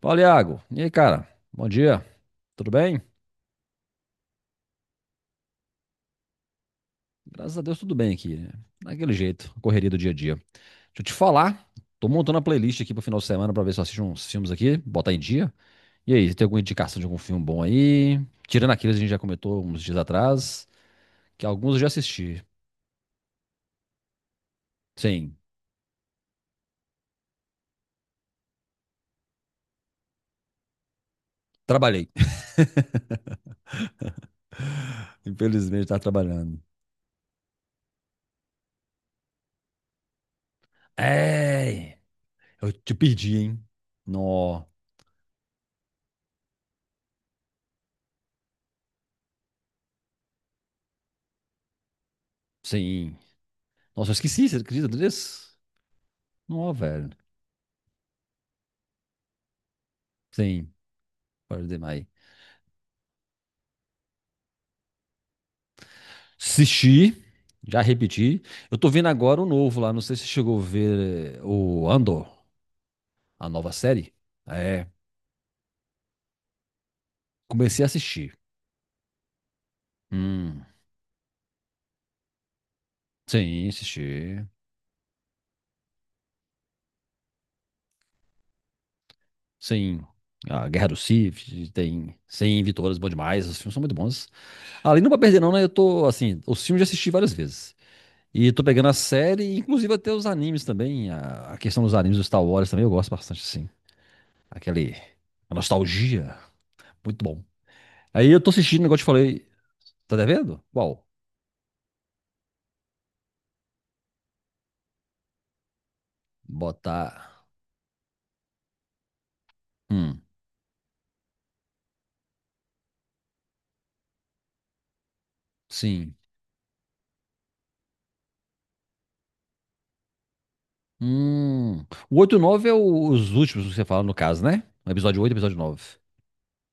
Fala, Iago. E aí, cara? Bom dia. Tudo bem? Graças a Deus, tudo bem aqui, né? Daquele jeito, correria do dia a dia. Deixa eu te falar. Tô montando a playlist aqui pro final de semana pra ver se eu assisto uns filmes aqui, botar em dia. E aí, você tem alguma indicação de algum filme bom aí? Tirando aqueles que a gente já comentou uns dias atrás, que alguns eu já assisti. Sim, trabalhei. Infelizmente, tá trabalhando. É, eu te perdi, hein? Nó, sim. Nossa, eu esqueci, você acredita nisso? Nó, velho. Sim, pode demais. Assisti, já repeti. Eu tô vendo agora o novo lá. Não sei se você chegou a ver o Andor, a nova série. É, comecei a assistir. Hum, sim, assisti. Sim. A Guerra do Sith, tem 100 vitórias, bom demais. Os filmes são muito bons. Ali não pra perder, não, né? Eu tô, assim, os filmes já assisti várias vezes. E tô pegando a série, inclusive até os animes também. A questão dos animes do Star Wars também eu gosto bastante, assim. Aquele. A nostalgia. Muito bom. Aí eu tô assistindo, igual eu te falei. Tá devendo? Qual? Botar. Hum, sim. Hum. O oito e o 9 é os últimos que você fala, no caso, né? O episódio 8 e o episódio nove.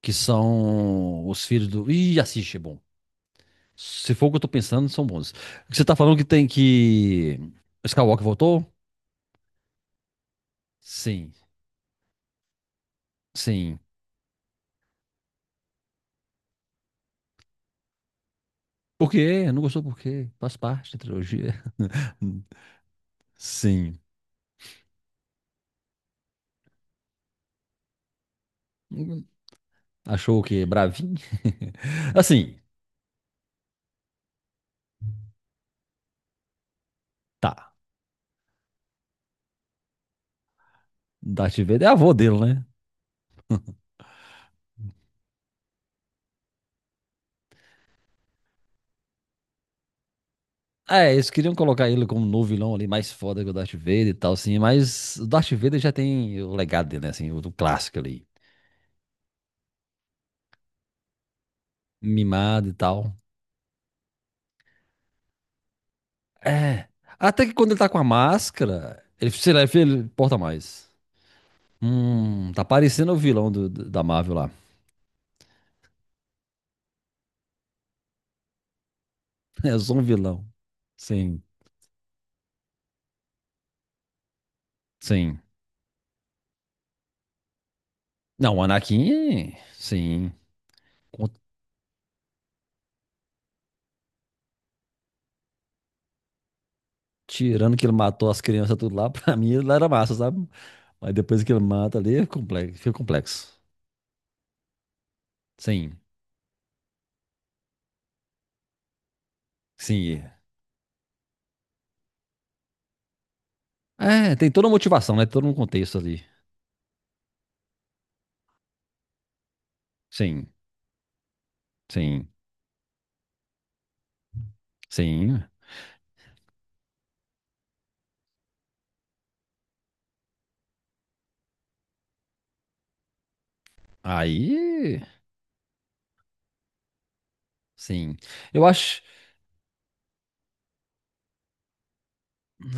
Que são os filhos do. Ih, assiste, é bom. Se for o que eu tô pensando, são bons. O que você tá falando que tem que. Skywalker voltou? Sim, sim. Por quê? Não gostou por quê? Faz parte da trilogia. Sim. Achou o quê? Bravinho? Assim, tá. Darth Vader é avô dele, né? É, eles queriam colocar ele como novo vilão ali, mais foda que o Darth Vader e tal, assim, mas o Darth Vader já tem o legado dele, né, assim, o do clássico ali, mimado e tal. É, até que quando ele tá com a máscara, ele, sei lá, ele porta mais. Tá parecendo o vilão da Marvel lá. É só um vilão. Sim, sim. Não, o Anakin, sim. Com- Tirando que ele matou as crianças tudo lá, pra mim ele era massa, sabe? Mas depois que ele mata ali, fica complexo. Fica complexo. Sim. Sim, é, tem toda a motivação, né? Todo um contexto ali. Sim, sim, sim. Aí, sim. Eu acho.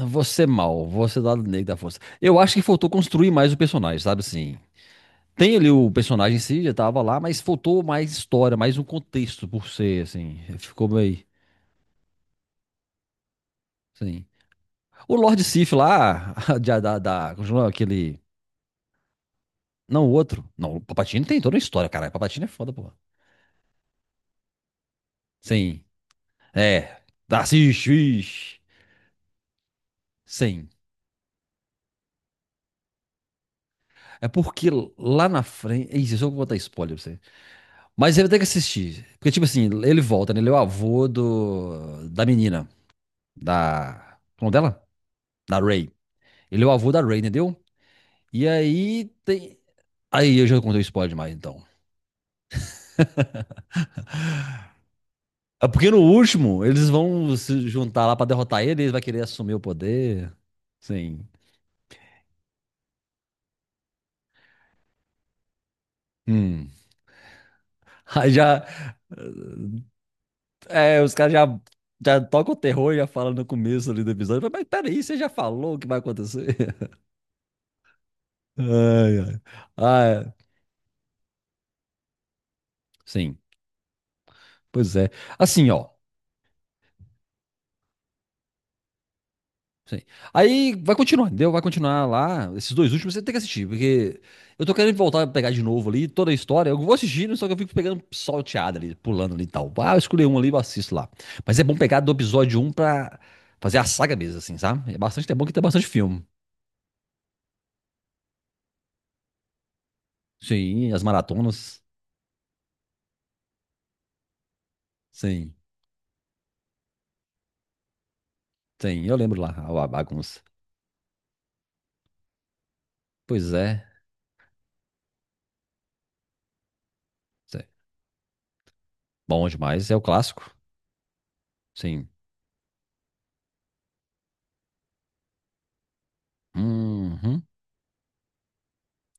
Você mal, você lado negro da força. Eu acho que faltou construir mais o personagem, sabe assim? Tem ali o personagem em si, já tava lá, mas faltou mais história, mais um contexto por ser, assim. Ficou meio. Sim. O Lord Sif lá, da, da, da. Como chama aquele. Não, o outro. Não, o Palpatine tem toda a história, caralho. Palpatine é foda, porra. Sim. É. Assiste, ixi. Sim. É porque lá na frente. Ih, eu só vou botar spoiler pra você. Mas você vai ter que assistir. Porque, tipo assim, ele volta, né? Ele é o avô do... da menina. Da. Como dela? Da Ray. Ele é o avô da Ray, entendeu? E aí tem. Aí eu já contei o spoiler demais, então. É porque no último, eles vão se juntar lá pra derrotar ele, ele vai querer assumir o poder. Sim. Hum. Aí já. É, os caras já, já tocam o terror e já falam no começo ali do episódio. Mas peraí, você já falou o que vai acontecer? Ai, ai. Ah, sim. Pois é. Assim, ó. Sim. Aí vai continuar, entendeu? Vai continuar lá. Esses dois últimos você tem que assistir, porque eu tô querendo voltar a pegar de novo ali toda a história. Eu vou assistindo, só que eu fico pegando salteada ali, pulando ali e tal. Ah, eu escolhi um ali, eu assisto lá. Mas é bom pegar do episódio um pra fazer a saga mesmo, assim, sabe? É bastante, é bom que tem bastante filme. Sim, as maratonas. Sim, sim. Eu lembro lá, a bagunça. Pois é. Sim. Bom demais. É o clássico. Sim. Uhum.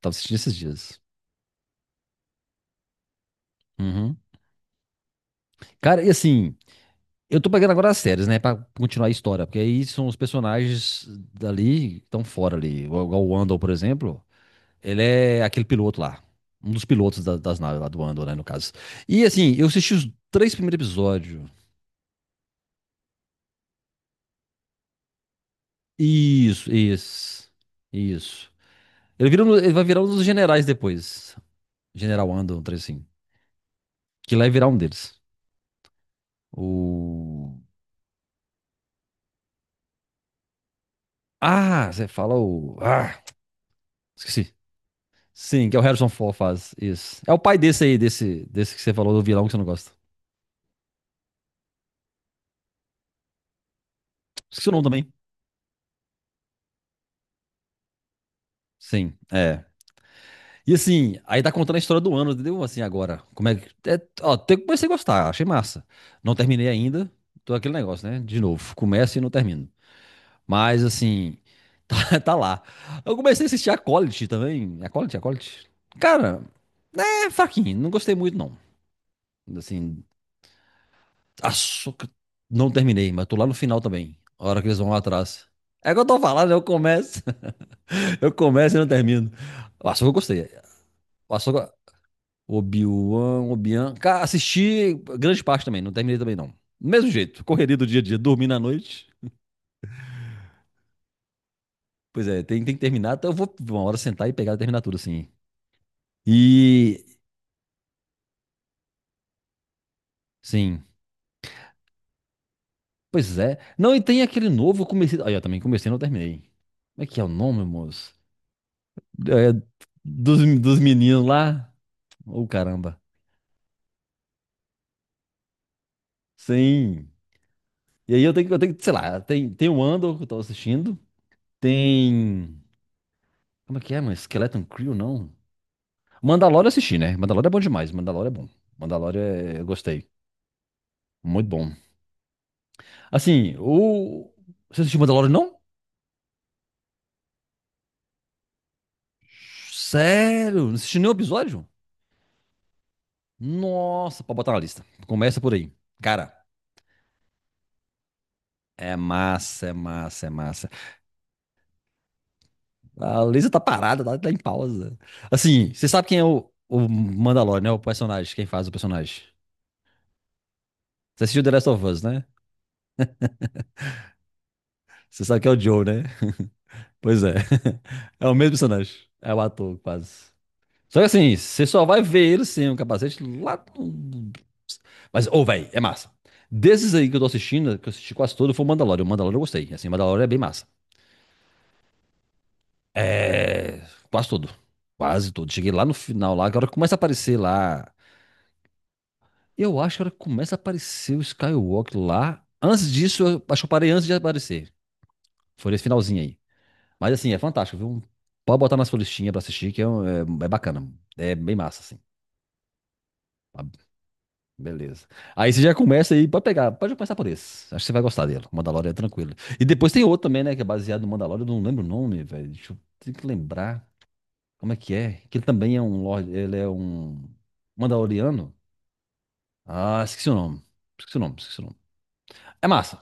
Tava assistindo esses dias. Uhum. Cara, e assim, eu tô pegando agora as séries, né? Pra continuar a história. Porque aí são os personagens dali que estão fora ali. Igual o Andor, por exemplo. Ele é aquele piloto lá. Um dos pilotos das naves lá do Andor, né? No caso. E assim, eu assisti os três primeiros episódios. Isso, isso. Isso. Ele, vira ele vai virar um dos generais depois. General Andor, um trem assim. Que lá vai virar um deles. O. Ah, você fala o. Ah, esqueci. Sim, que é o Harrison Ford faz. Isso. É o pai desse aí, desse, desse que você falou, do vilão que você não gosta. Esqueci o nome também. Sim, é. E assim, aí tá contando a história do ano, entendeu? Assim, agora. Como é que. É, ó, até que comecei a gostar, achei massa. Não terminei ainda. Tô aquele negócio, né? De novo. Começo e não termino. Mas assim, tá, tá lá. Eu comecei a assistir a College também. É A College, a College. Cara, é fraquinho. Não gostei muito, não. Assim, Açúcar. Não terminei, mas tô lá no final também. A hora que eles vão lá atrás. É que eu tô falando, eu começo, eu começo e não termino. O açúcar eu gostei. O açúcar. Obi-Wan, Obi-Wan. Cara, assisti grande parte também, não terminei também não. Do mesmo jeito, correria do dia a dia, dormindo à noite. Pois é, tem que terminar, então eu vou uma hora sentar e pegar e terminar tudo assim. E. Sim. Pois é. Não, e tem aquele novo, eu comecei. Aí, eu também comecei e não terminei. Como é que é o nome, moço? É, dos meninos lá. Ô, caramba. Sim. E aí sei lá, tem, tem o Andor que eu tô assistindo, tem... Como é que é, mano? Skeleton Crew, não? Mandalorian eu assisti, né? Mandalorian é bom demais, Mandalorian é bom. Mandalorian eu gostei. Muito bom. Assim, o... Você assistiu Mandalorian, não? Sério? Não assistiu nenhum episódio? Nossa, pra botar na lista. Começa por aí. Cara, é massa, é massa, é massa. A Lisa tá parada, tá em pausa. Assim, você sabe quem é o Mandalorian, né? O personagem, quem faz o personagem. Você assistiu The Last of Us, né? Você sabe que é o Joe, né? Pois é. É o mesmo personagem. É o ator, quase. Só que assim, você só vai ver ele sem o capacete lá. No- Mas, ô, véi, é massa. Desses aí que eu tô assistindo, que eu assisti quase todo, foi o Mandalorian. O Mandalorian eu gostei. Assim, o Mandalorian é bem massa. É, quase todo. Quase todo. Cheguei lá no final, lá, agora começa a aparecer lá. Eu acho que a hora que começa a aparecer o Skywalker lá. Antes disso, eu acho que eu parei antes de aparecer. Foi nesse finalzinho aí. Mas assim, é fantástico, viu? Pode botar na sua listinha pra assistir, que é, é, é bacana. É bem massa, assim. Ah, beleza. Aí você já começa aí, pode pegar, pode começar por esse. Acho que você vai gostar dele. O Mandalorian é tranquilo. E depois tem outro também, né? Que é baseado no Mandalorian, eu não lembro o nome, velho. Deixa eu tenho que lembrar como é. Que ele também é um Lorde, ele é um Mandaloriano. Ah, esqueci o nome. Esqueci o nome, esqueci o nome. É massa.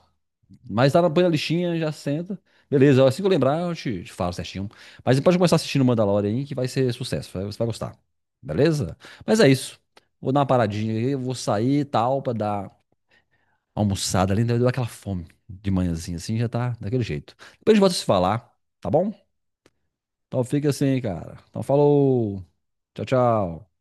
Mas tá na põe na listinha, já senta. Beleza, assim que eu lembrar, eu te falo certinho. Mas você pode começar assistindo o Mandalorian aí, que vai ser sucesso. Você vai gostar. Beleza? Mas é isso. Vou dar uma paradinha aí, vou sair e tal, pra dar uma almoçada ali. Né? Deu aquela fome de manhãzinha assim, já tá daquele jeito. Depois a gente volta a se falar, tá bom? Então fica assim, cara. Então falou. Tchau, tchau.